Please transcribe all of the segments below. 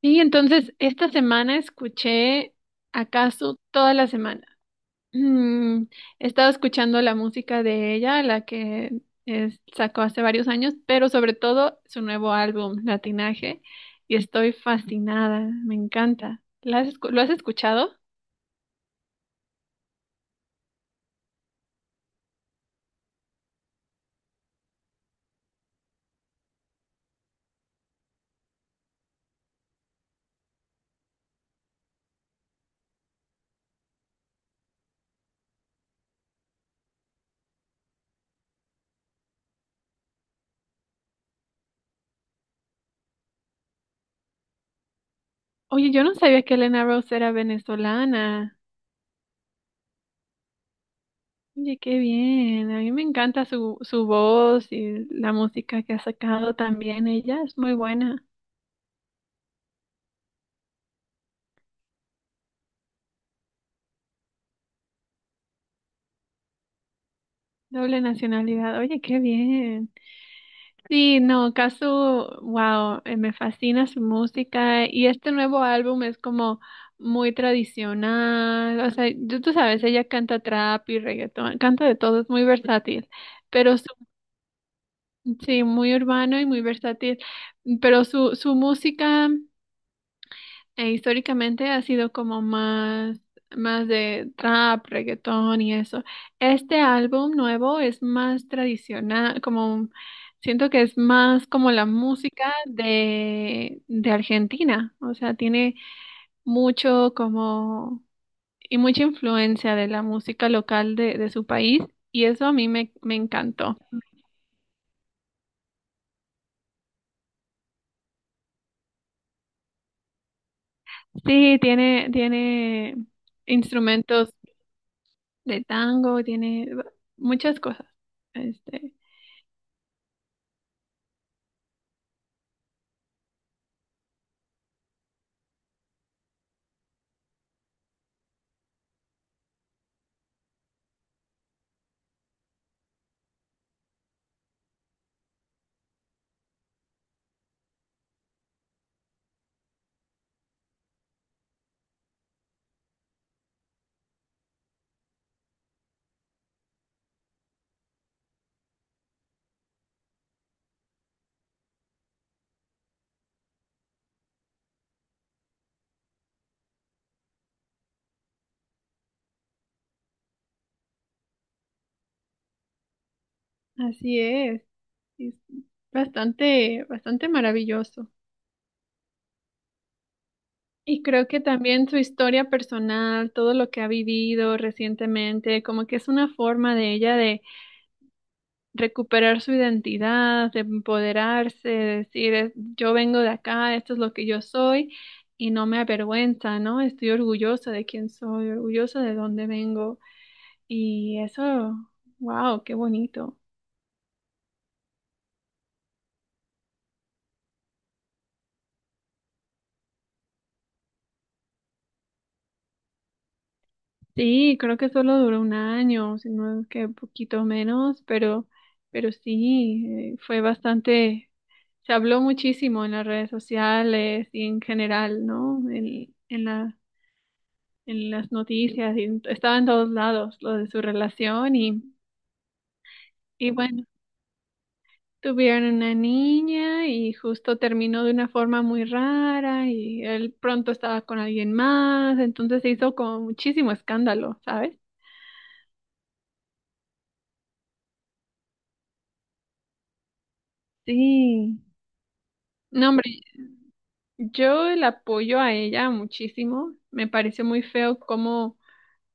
Sí, entonces, esta semana escuché acaso toda la semana. Mm, he estado escuchando la música de ella, la que sacó hace varios años, pero sobre todo su nuevo álbum, Latinaje, y estoy fascinada, me encanta. ¿Lo has escuchado? Oye, yo no sabía que Elena Rose era venezolana. Oye, qué bien. A mí me encanta su voz y la música que ha sacado también ella, es muy buena. Doble nacionalidad, oye, qué bien. Sí, no, Casu, wow, me fascina su música y este nuevo álbum es como muy tradicional, o sea, tú sabes, ella canta trap y reggaetón, canta de todo, es muy versátil, pero su, sí, muy urbano y muy versátil, pero su música... E históricamente ha sido como más de trap, reggaetón y eso. Este álbum nuevo es más tradicional, como siento que es más como la música de Argentina. O sea, tiene mucho como y mucha influencia de la música local de su país. Y eso a mí me encantó. Sí, tiene instrumentos de tango, tiene muchas cosas. Este. Así es bastante, bastante maravilloso. Y creo que también su historia personal, todo lo que ha vivido recientemente, como que es una forma de ella de recuperar su identidad, de empoderarse, de decir, yo vengo de acá, esto es lo que yo soy y no me avergüenza, ¿no? Estoy orgullosa de quién soy, orgullosa de dónde vengo. Y eso, wow, qué bonito. Sí, creo que solo duró un año, si no es que un poquito menos, pero sí, fue bastante, se habló muchísimo en las redes sociales y en general, ¿no? En las noticias, y estaba en todos lados lo de su relación y bueno, tuvieron una niña y justo terminó de una forma muy rara y él pronto estaba con alguien más, entonces se hizo como muchísimo escándalo, ¿sabes? Sí. No, hombre. Yo la apoyo a ella muchísimo. Me pareció muy feo como,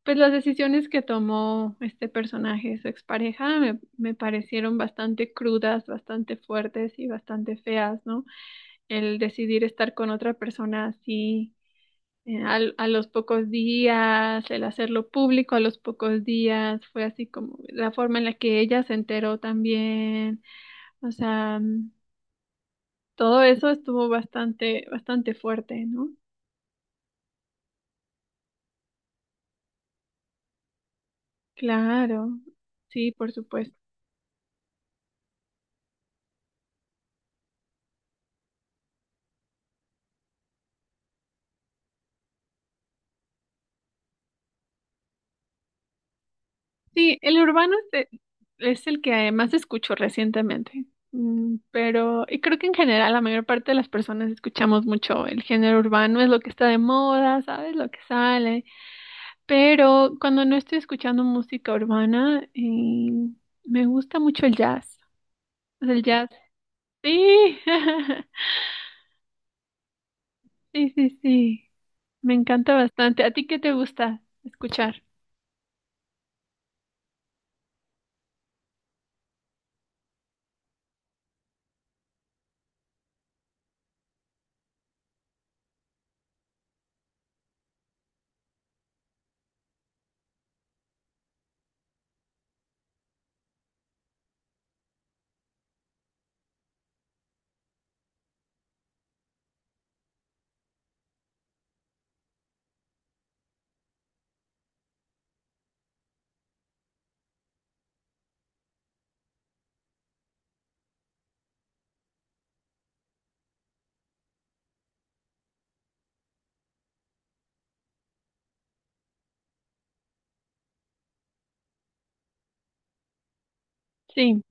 pues las decisiones que tomó este personaje, su expareja, me parecieron bastante crudas, bastante fuertes y bastante feas, ¿no? El decidir estar con otra persona así, los pocos días, el hacerlo público a los pocos días, fue así como la forma en la que ella se enteró también. O sea, todo eso estuvo bastante, bastante fuerte, ¿no? Claro, sí, por supuesto. Sí, el urbano es el que más escucho recientemente. Pero y creo que en general la mayor parte de las personas escuchamos mucho el género urbano, es lo que está de moda, ¿sabes? Lo que sale, pero cuando no estoy escuchando música urbana, me gusta mucho el jazz. O sea, el jazz, sí, sí, sí, sí, me encanta bastante. ¿A ti qué te gusta escuchar? Sí,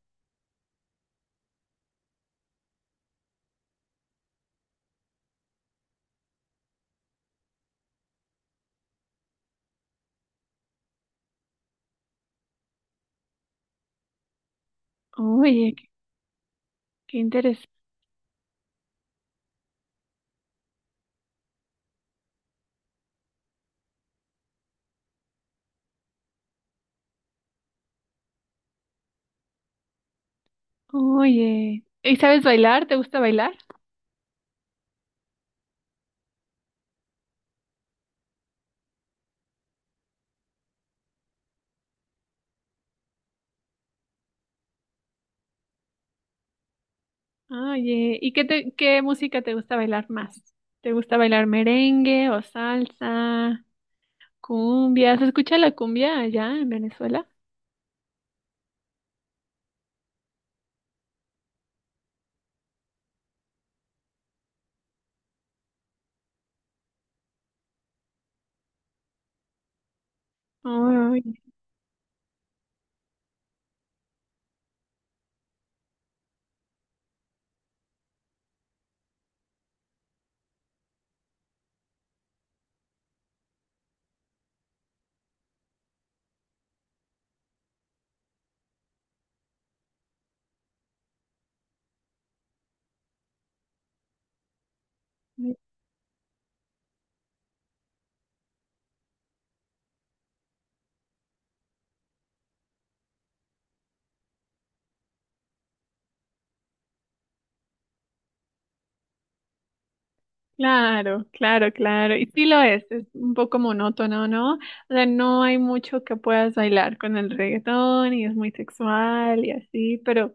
oye, qué interesante. Oye, ¿y sabes bailar? ¿Te gusta bailar? Oye, ¿qué música te gusta bailar más? ¿Te gusta bailar merengue o salsa, cumbia? ¿Se escucha la cumbia allá en Venezuela? Ay, claro, claro, claro. Y sí lo es un poco monótono, ¿no? O sea, no hay mucho que puedas bailar con el reggaetón y es muy sexual y así, pero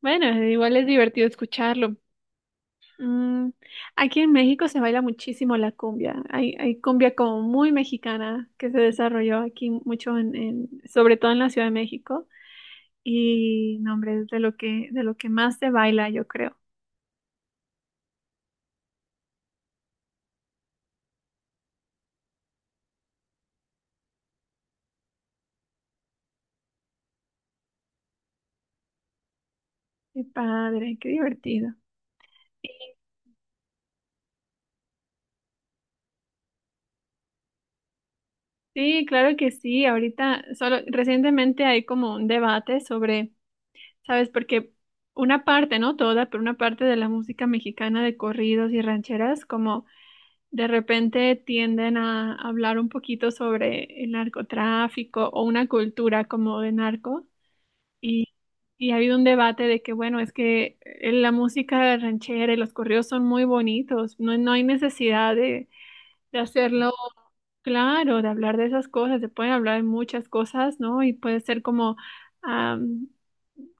bueno, igual es divertido escucharlo. Mm, Aquí en México se baila muchísimo la cumbia. Hay cumbia como muy mexicana que se desarrolló aquí mucho sobre todo en la Ciudad de México. Y no, hombre, es de lo que más se baila, yo creo. Qué padre, qué divertido. Sí, claro que sí. Ahorita, solo recientemente hay como un debate sobre, ¿sabes? Porque una parte, no toda, pero una parte de la música mexicana de corridos y rancheras, como de repente tienden a hablar un poquito sobre el narcotráfico o una cultura como de narco y, y, ha habido un debate de que, bueno, es que la música ranchera y los corridos son muy bonitos, no, no hay necesidad de hacerlo claro, de hablar de esas cosas, se pueden hablar de muchas cosas, ¿no? Y puede ser como am,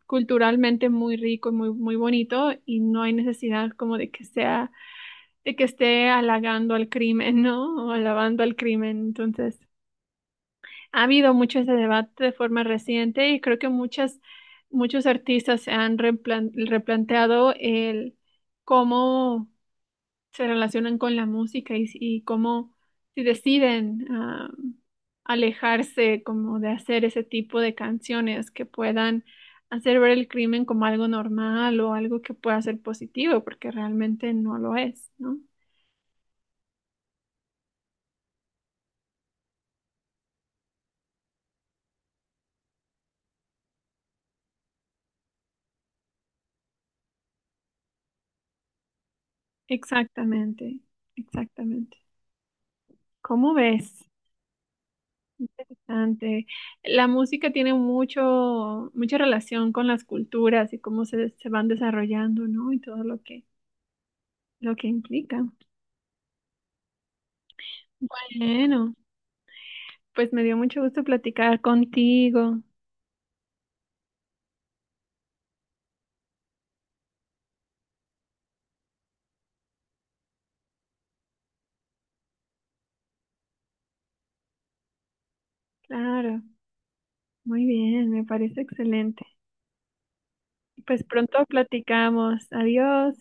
culturalmente muy rico y muy, muy bonito y no hay necesidad como de que sea de que esté halagando al crimen, ¿no? O alabando al crimen. Entonces, ha habido mucho ese debate de forma reciente y creo que muchos artistas se han replanteado el cómo se relacionan con la música y, cómo si deciden alejarse como de hacer ese tipo de canciones que puedan hacer ver el crimen como algo normal o algo que pueda ser positivo, porque realmente no lo es, ¿no? Exactamente, exactamente. ¿Cómo ves? Interesante. La música tiene mucha relación con las culturas y cómo se van desarrollando, ¿no? Y todo lo que implica. Bueno, pues me dio mucho gusto platicar contigo. Claro, muy bien, me parece excelente. Pues pronto platicamos. Adiós.